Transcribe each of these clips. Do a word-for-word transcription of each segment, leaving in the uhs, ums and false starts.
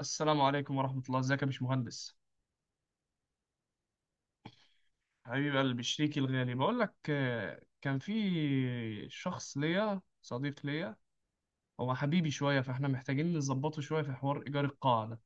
السلام عليكم ورحمة الله، ازيك يا باشمهندس؟ حبيب قلبي، شريكي الغالي. بقول لك آه، كان في شخص ليا، صديق ليا، هو حبيبي شوية، فاحنا محتاجين نظبطه شوية في حوار إيجار القاعة ده.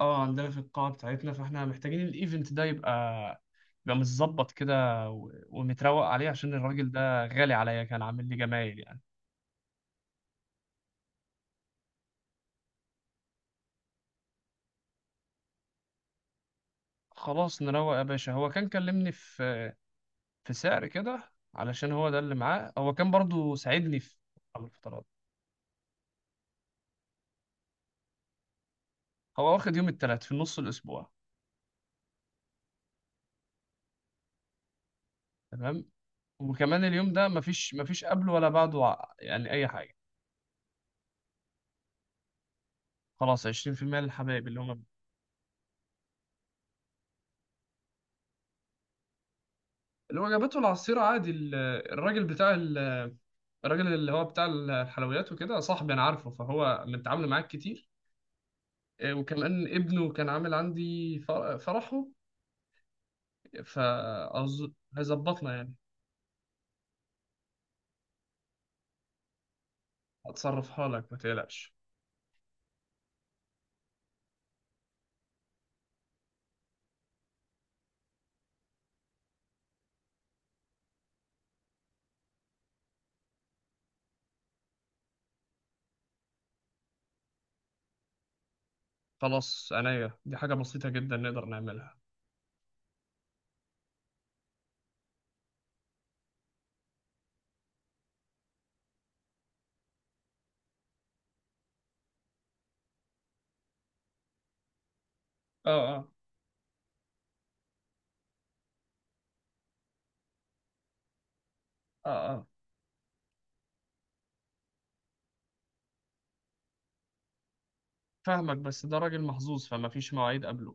اه، عندنا في القاعة بتاعتنا، فاحنا محتاجين الإيفنت ده يبقى يبقى متظبط كده و- ومتروق عليه، عشان الراجل ده غالي عليا، كان عامل لي جمايل يعني. خلاص نروق يا باشا. هو كان كلمني في في سعر كده، علشان هو ده اللي معاه، هو كان برضو ساعدني في... هو واخد يوم التلات في نص الأسبوع. تمام. وكمان اليوم ده مفيش مفيش قبله ولا بعده ع- يعني أي حاجة. خلاص عشرين في المئة للحبايب، اللي هم اللي هو جابته. العصير عادي، ال- الراجل بتاع ال- الراجل اللي هو بتاع الحلويات وكده صاحبي، أنا عارفه، فهو متعامل معاك كتير. إيه، وكمان ابنه كان عامل عندي فر- فرحه، فهيظبطنا يعني. هتصرفها لك ما تقلقش. خلاص عينيا، دي حاجة بسيطة جدا نقدر نعملها. اه اه اه. آه. فاهمك، بس ده راجل محظوظ، فما فيش مواعيد قبله.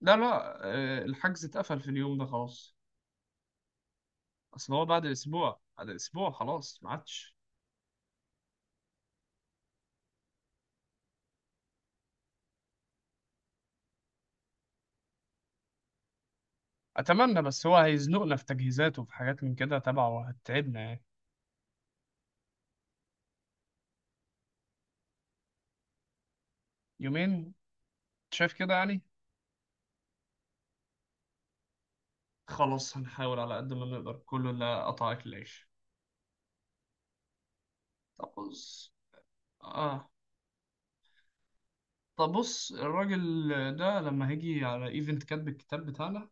لا لا، آه، الحجز اتقفل في اليوم ده خلاص. اصل هو بعد اسبوع بعد اسبوع خلاص ما عادش. اتمنى، بس هو هيزنقنا في تجهيزات وفي حاجات من كده تبعه، وهتتعبنا يعني. يومين. شايف كده يعني. خلاص هنحاول على قد ما نقدر، كله لا قطع اكل العيش. طب بص اه طب بص الراجل ده لما هيجي على ايفنت كاتب الكتاب بتاعنا.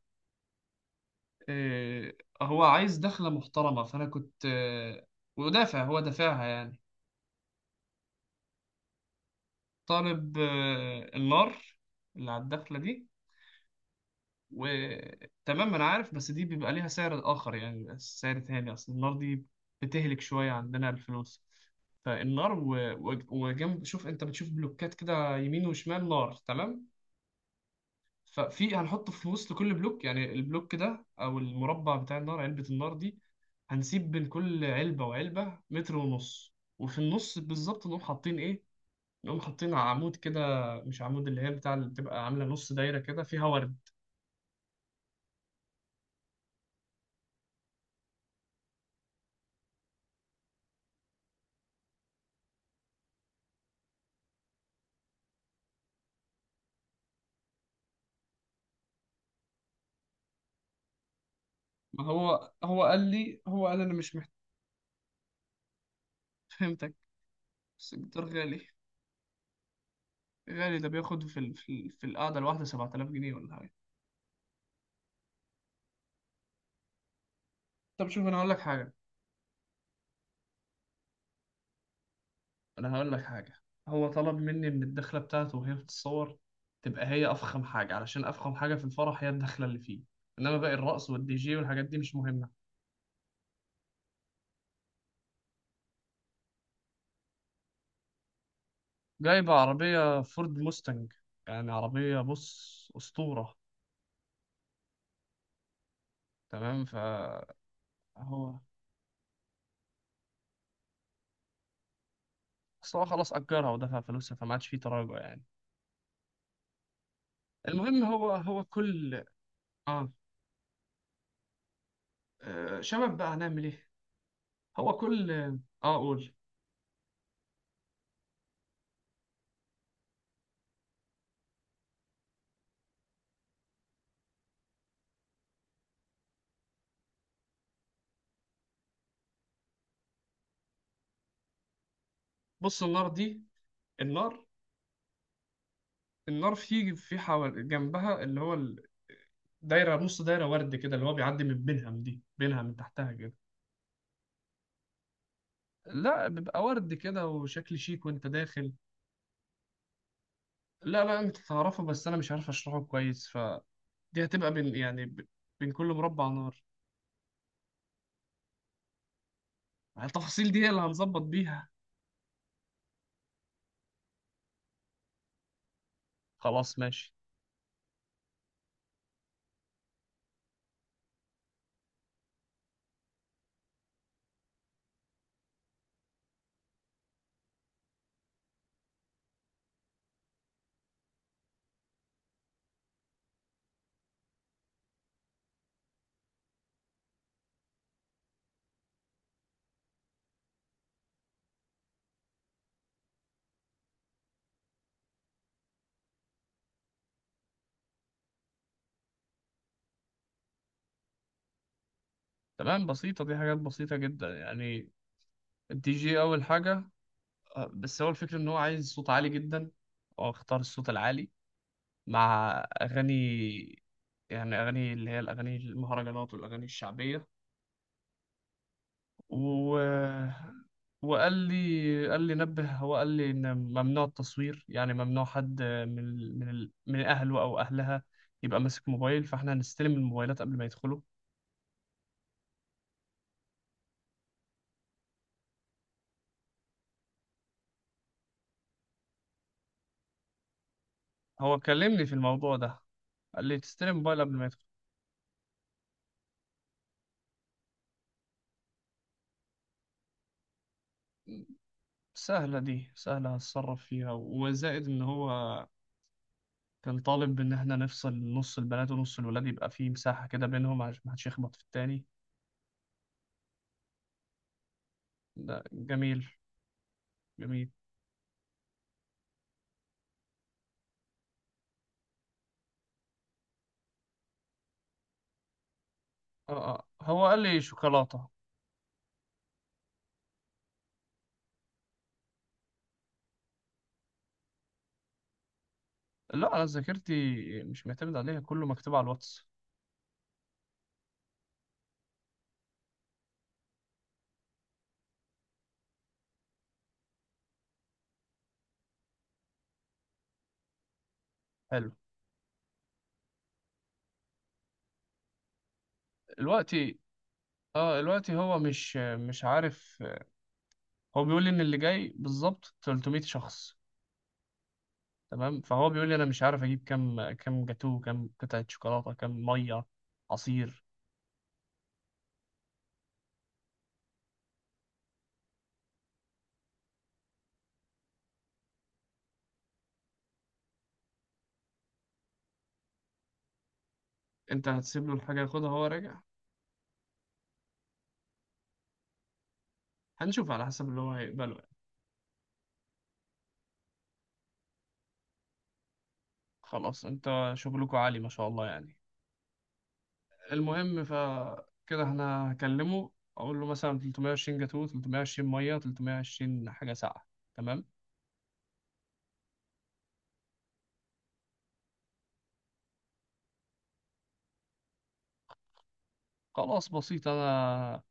آه هو عايز دخلة محترمة، فانا كنت آه ودافع، هو دافعها يعني. طالب آه، النار اللي على الدخلة دي. وتمام أنا عارف، بس دي بيبقى ليها سعر آخر يعني، بيبقى سعر تاني، أصل النار دي بتهلك شوية عندنا الفلوس. فالنار و... و... وجنب. شوف أنت بتشوف بلوكات كده يمين وشمال نار، تمام. ففي هنحط في وسط كل بلوك، يعني البلوك ده أو المربع بتاع النار، علبة النار دي. هنسيب بين كل علبة وعلبة متر ونص، وفي النص بالظبط نقوم حاطين إيه؟ يقوم حاطين عمود كده. مش عمود، اللي هي بتاع اللي بتبقى عاملة نص دايرة كده فيها ورد. ما هو هو قال لي هو قال أنا مش محتاج. فهمتك. بس الجيتار غالي. غالي، ده بياخد في ال... في, ال... في القعدة الواحدة سبعة آلاف جنيه ولا حاجة. طب شوف، أنا هقول لك حاجة أنا هقول لك حاجة هو طلب مني إن الدخلة بتاعته وهي بتتصور تبقى هي أفخم حاجة، علشان أفخم حاجة في الفرح هي الدخلة اللي فيه. إنما باقي الرقص والدي جي والحاجات دي مش مهمة. جايب عربية فورد موستنج، يعني عربية بص أسطورة. تمام. ف هو اصل هو خلاص اجرها ودفع فلوسها، فما عادش فيه تراجع يعني. المهم هو هو كل اه آه، شباب بقى هنعمل ايه؟ هو كل اه آه، قول. بص النار دي، النار النار في في حوال جنبها اللي هو ال- دايره، نص دايره ورد كده، اللي هو بيعدي من بينهم، دي بينها من تحتها كده. لا بيبقى ورد كده وشكل شيك وانت داخل. لا لا، انت تعرفه، بس انا مش عارف اشرحه كويس. فدي هتبقى بين يعني ب- بين كل مربع نار. التفاصيل دي هي اللي هنظبط بيها. خلاص ماشي. تمام، بسيطة، دي حاجات بسيطة جدا يعني. الدي جي أول حاجة. آه، بس هو الفكرة إن هو عايز صوت عالي جدا، هو اختار الصوت العالي مع أغاني، يعني أغاني اللي هي الأغاني المهرجانات والأغاني الشعبية. و... وقال لي، قال لي نبه، هو قال لي إن ممنوع التصوير، يعني ممنوع حد من ال- من ال- من أهله أو أهلها يبقى ماسك موبايل، فإحنا هنستلم الموبايلات قبل ما يدخلوا. هو كلمني في الموضوع ده، قال لي تستلم موبايل قبل ما يدخل. سهلة، دي سهلة هتصرف فيها. وزائد إن هو كان طالب إن إحنا نفصل نص البنات ونص الولاد، يبقى فيه مساحة كده بينهم عشان محدش يخبط في التاني. ده جميل. جميل. آه آه، هو قال لي شوكولاتة. لا، أنا ذاكرتي مش معتمد عليها، كله مكتوب على الواتس. حلو. دلوقتي آه دلوقتي هو مش مش عارف. هو بيقول لي إن اللي جاي بالظبط تلتمية شخص. تمام. فهو بيقول لي أنا مش عارف أجيب كام كام جاتوه، كام قطعة شوكولاتة، كام مية عصير. انت هتسيب له الحاجة ياخدها وهو راجع. هنشوف على حسب اللي هو هيقبله يعني. خلاص، انت شغلكوا عالي ما شاء الله يعني. المهم ف كده احنا هكلمه، اقول له مثلا تلتمية وعشرين جاتوه، تلتمية وعشرين مية، تلتمية وعشرين حاجة ساقعة، تمام. خلاص بسيط. انا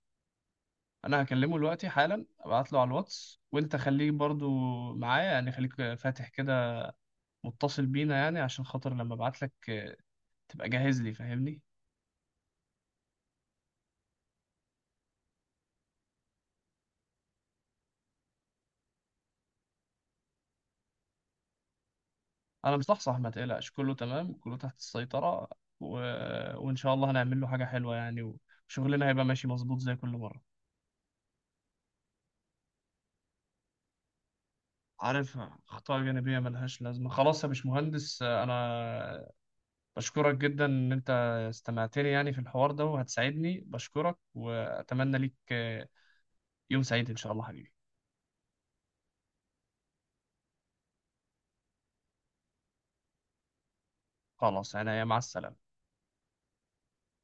انا هكلمه دلوقتي حالا، ابعت له على الواتس، وانت خليك برضو معايا يعني، خليك فاتح كده متصل بينا يعني، عشان خاطر لما ابعت لك تبقى جاهز لي، فاهمني. انا مصحصح ما تقلقش، كله تمام، كله تحت السيطرة. و... وان شاء الله هنعمل له حاجة حلوة يعني، وشغلنا هيبقى ماشي مظبوط زي كل مرة. عارفها، أخطاء جانبية ملهاش لازمة. خلاص يا باشمهندس، أنا بشكرك جدا إن أنت استمعتني يعني في الحوار ده، وهتساعدني، بشكرك، وأتمنى ليك يوم سعيد إن شاء الله حبيبي. خلاص، أنا مع السلامة.